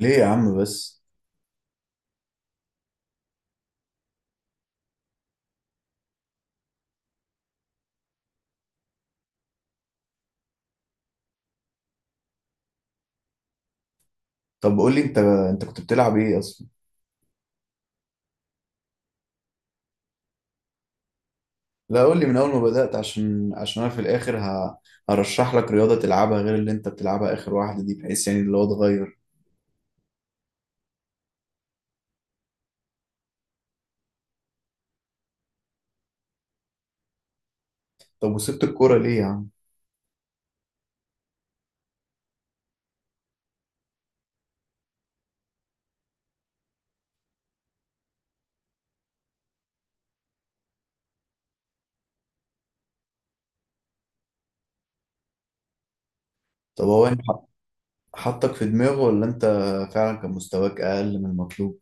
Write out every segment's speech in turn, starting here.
ليه يا عم بس؟ طب قول لي، انت كنت بتلعب ايه اصلا؟ لا، قول لي من اول ما بدأت، عشان انا في الاخر هرشح لك رياضة تلعبها غير اللي انت بتلعبها، اخر واحدة دي، بحيث يعني اللي هو اتغير. طب وسبت الكورة ليه يا عم؟ طب هو انت حطك في دماغه، ولا انت فعلا كان مستواك اقل من المطلوب؟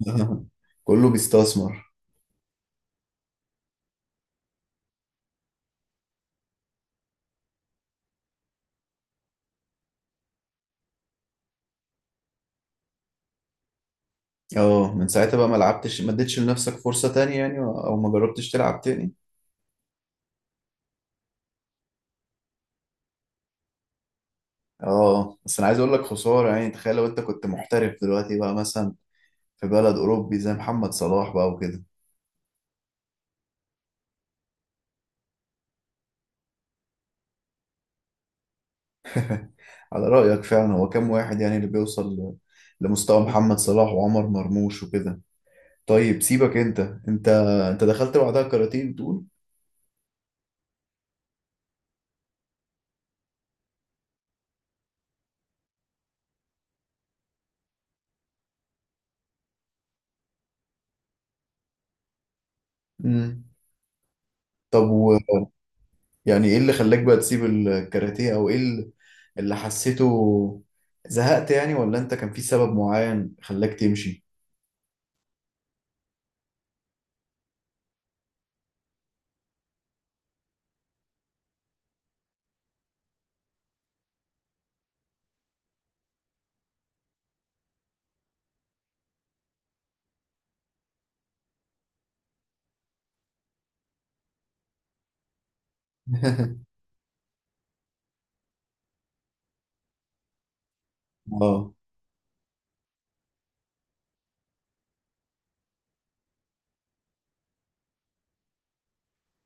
كله بيستثمر. اه، من ساعتها بقى ما لعبتش، ما اديتش لنفسك فرصة تانية يعني، او ما جربتش تلعب تاني؟ اه، بس انا عايز اقول لك خسارة يعني. تخيل لو انت كنت محترف دلوقتي بقى، مثلا في بلد أوروبي زي محمد صلاح بقى وكده. على رأيك، فعلا هو كام واحد يعني اللي بيوصل لمستوى محمد صلاح وعمر مرموش وكده؟ طيب سيبك انت. انت انت دخلت بعدها الكاراتيه بتقول؟ امم. طب يعني ايه اللي خلاك بقى تسيب الكاراتيه، او ايه اللي حسيته؟ زهقت يعني، ولا انت كان في سبب معين خلاك تمشي؟ اه.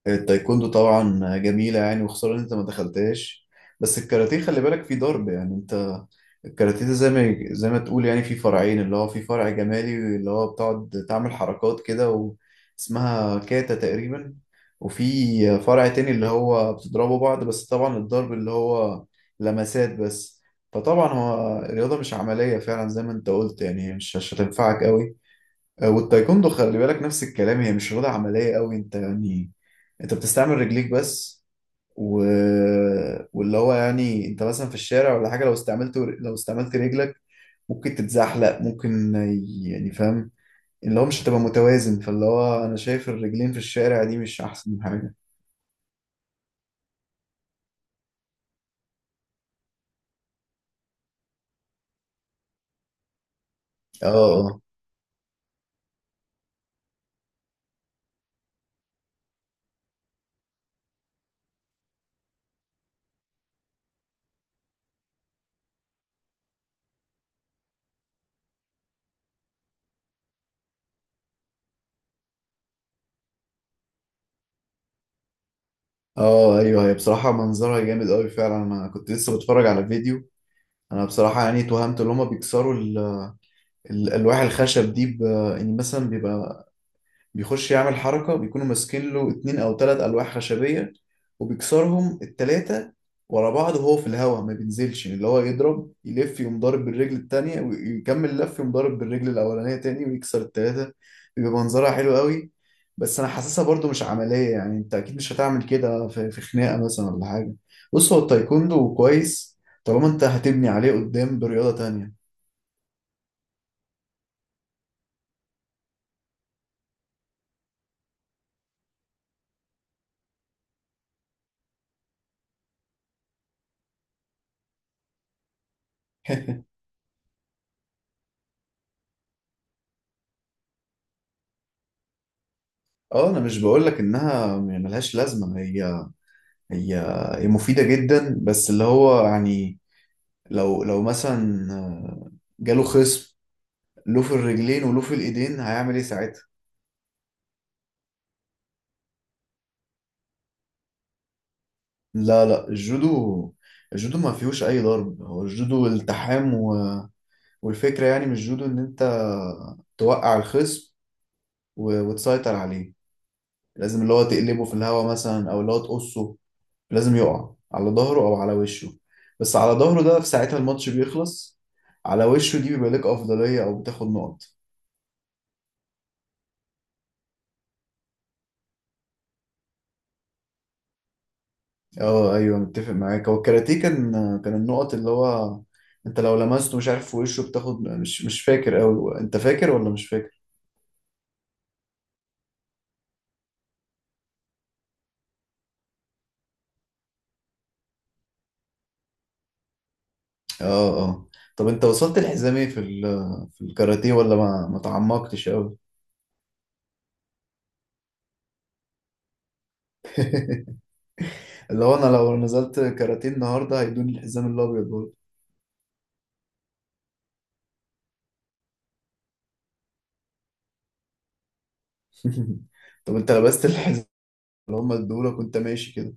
التايكوندو طبعا جميلة يعني، وخسارة ان انت ما دخلتهاش. بس الكاراتيه خلي بالك فيه ضرب يعني، انت. الكاراتيه زي ما تقول يعني في فرعين، اللي هو في فرع جمالي اللي هو بتقعد تعمل حركات كده اسمها كاتا تقريبا. وفي فرع تاني اللي هو بتضربوا بعض، بس طبعا الضرب اللي هو لمسات بس. فطبعا هو الرياضة مش عملية فعلا، زي ما انت قلت يعني، هي مش هتنفعك قوي. والتايكوندو خلي بالك نفس الكلام، هي مش رياضة عملية قوي، انت يعني. انت بتستعمل رجليك بس و... واللي هو يعني انت مثلا في الشارع ولا حاجه، لو استعملت رجلك، ممكن تتزحلق، ممكن يعني فاهم. اللي هو مش هتبقى متوازن، فاللي هو انا شايف الرجلين في الشارع دي مش احسن حاجه. اه، اه. اه ايوه، هي بصراحه منظرها جامد قوي فعلا، انا كنت لسه بتفرج على فيديو. انا بصراحه يعني توهمت ان هما بيكسروا الالواح الخشب دي يعني مثلا بيبقى بيخش يعمل حركة، بيكونوا ماسكين له اتنين أو تلات ألواح خشبية، وبيكسرهم التلاتة ورا بعض، وهو في الهواء ما بينزلش، اللي هو يضرب يلف يقوم ضارب بالرجل التانية، ويكمل لف يقوم ضارب بالرجل الأولانية تاني ويكسر التلاتة. بيبقى منظرها حلو قوي. بس أنا حاسسها برضو مش عملية يعني، أنت أكيد مش هتعمل كده في خناقة مثلا ولا حاجة. بص، هو التايكوندو كويس، طالما أنت هتبني عليه قدام برياضة تانية. اه، انا مش بقولك انها يعني ملهاش لازمه، هي هي مفيدة جدا. بس اللي هو يعني لو مثلا، جاله خصم، له في الرجلين وله في الايدين، هيعمل ايه ساعتها؟ لا، لا، الجودو ما فيهوش اي ضرب. هو الجودو التحام و.... والفكرة يعني من الجودو ان انت توقع الخصم وتسيطر عليه. لازم اللي هو تقلبه في الهوا مثلا، او اللي هو تقصه. لازم يقع على ظهره او على وشه. بس على ظهره ده في ساعتها الماتش بيخلص. على وشه دي بيبقى لك افضلية، او بتاخد نقط. اه ايوه، متفق معاك. هو الكاراتيه كان النقط اللي هو، انت لو لمسته مش عارف في وشه بتاخد، مش فاكر اوي. انت فاكر ولا مش فاكر؟ اه، اه، طب انت وصلت للحزام ايه في الكاراتيه، ولا ما تعمقتش قوي؟ اللي هو انا لو نزلت كاراتيه النهارده، هيدوني الحزام الابيض برضه. طب انت لبست الحزام اللي هم ادولك وانت ماشي كده؟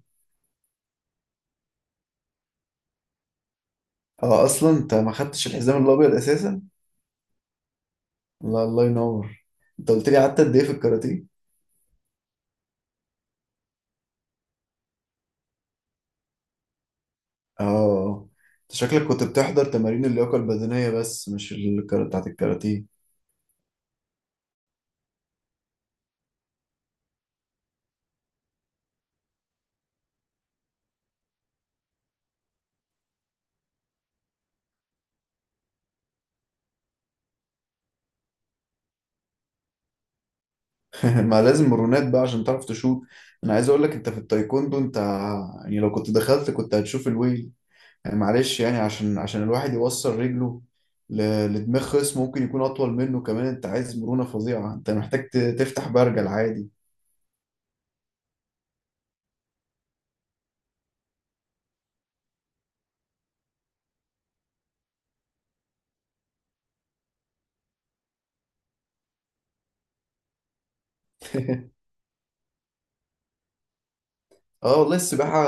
اه، اصلا انت ما خدتش الحزام الابيض اساسا. لا، الله ينور. انت قلت لي قعدت قد ايه في الكاراتيه؟ اه، انت شكلك كنت بتحضر تمارين اللياقة البدنية بس، مش الكرة بتاعت الكاراتيه. ما لازم مرونات بقى عشان تعرف تشوط. انا عايز اقول لك انت في التايكوندو، انت يعني لو كنت دخلت كنت هتشوف الويل. يعني معلش يعني، عشان الواحد يوصل رجله لدماغ خصم ممكن يكون اطول منه كمان، انت عايز مرونة فظيعة، انت محتاج تفتح برجل عادي. اه والله، السباحة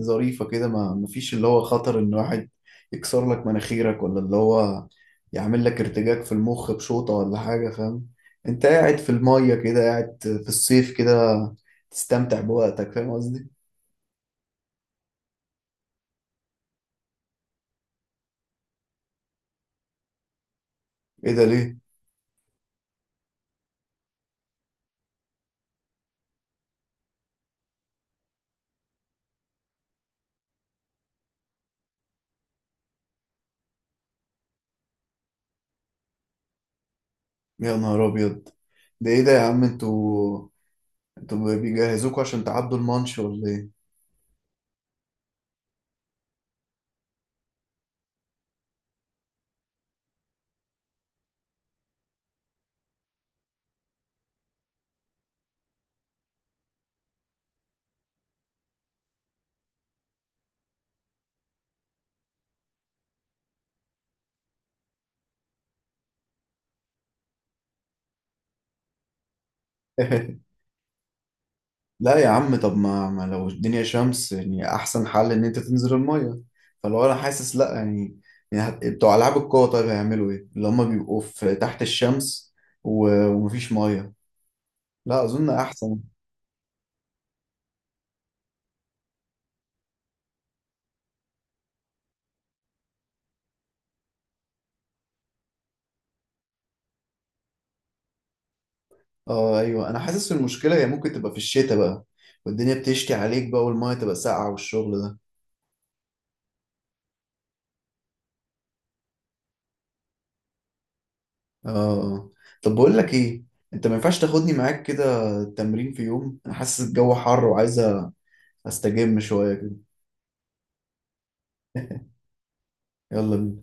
ظريفة كده، ما مفيش اللي هو خطر ان واحد يكسر لك مناخيرك، ولا اللي هو يعمل لك ارتجاج في المخ بشوطة ولا حاجة، فاهم؟ انت قاعد في المية كده، قاعد في الصيف كده، تستمتع بوقتك، فاهم قصدي؟ ايه ده، ليه؟ يا نهار ابيض! ده ايه ده يا عم؟ انتوا بيجهزوكوا عشان تعدوا المانش ولا ايه؟ لا يا عم، طب ما لو الدنيا شمس يعني، احسن حل ان انت تنزل الميه. فلو انا حاسس، لا يعني، يعني بتوع العاب القوه، طيب هيعملوا ايه اللي هم بيبقوا في تحت الشمس ومفيش ميه؟ لا، اظن احسن. اه ايوه، انا حاسس المشكله هي ممكن تبقى في الشتاء بقى، والدنيا بتشتي عليك بقى، والميه تبقى ساقعه والشغل ده. اه. آه. طب بقول لك ايه، انت ما ينفعش تاخدني معاك كده تمرين في يوم انا حاسس الجو حر وعايز استجم شويه كده؟ يلا بينا.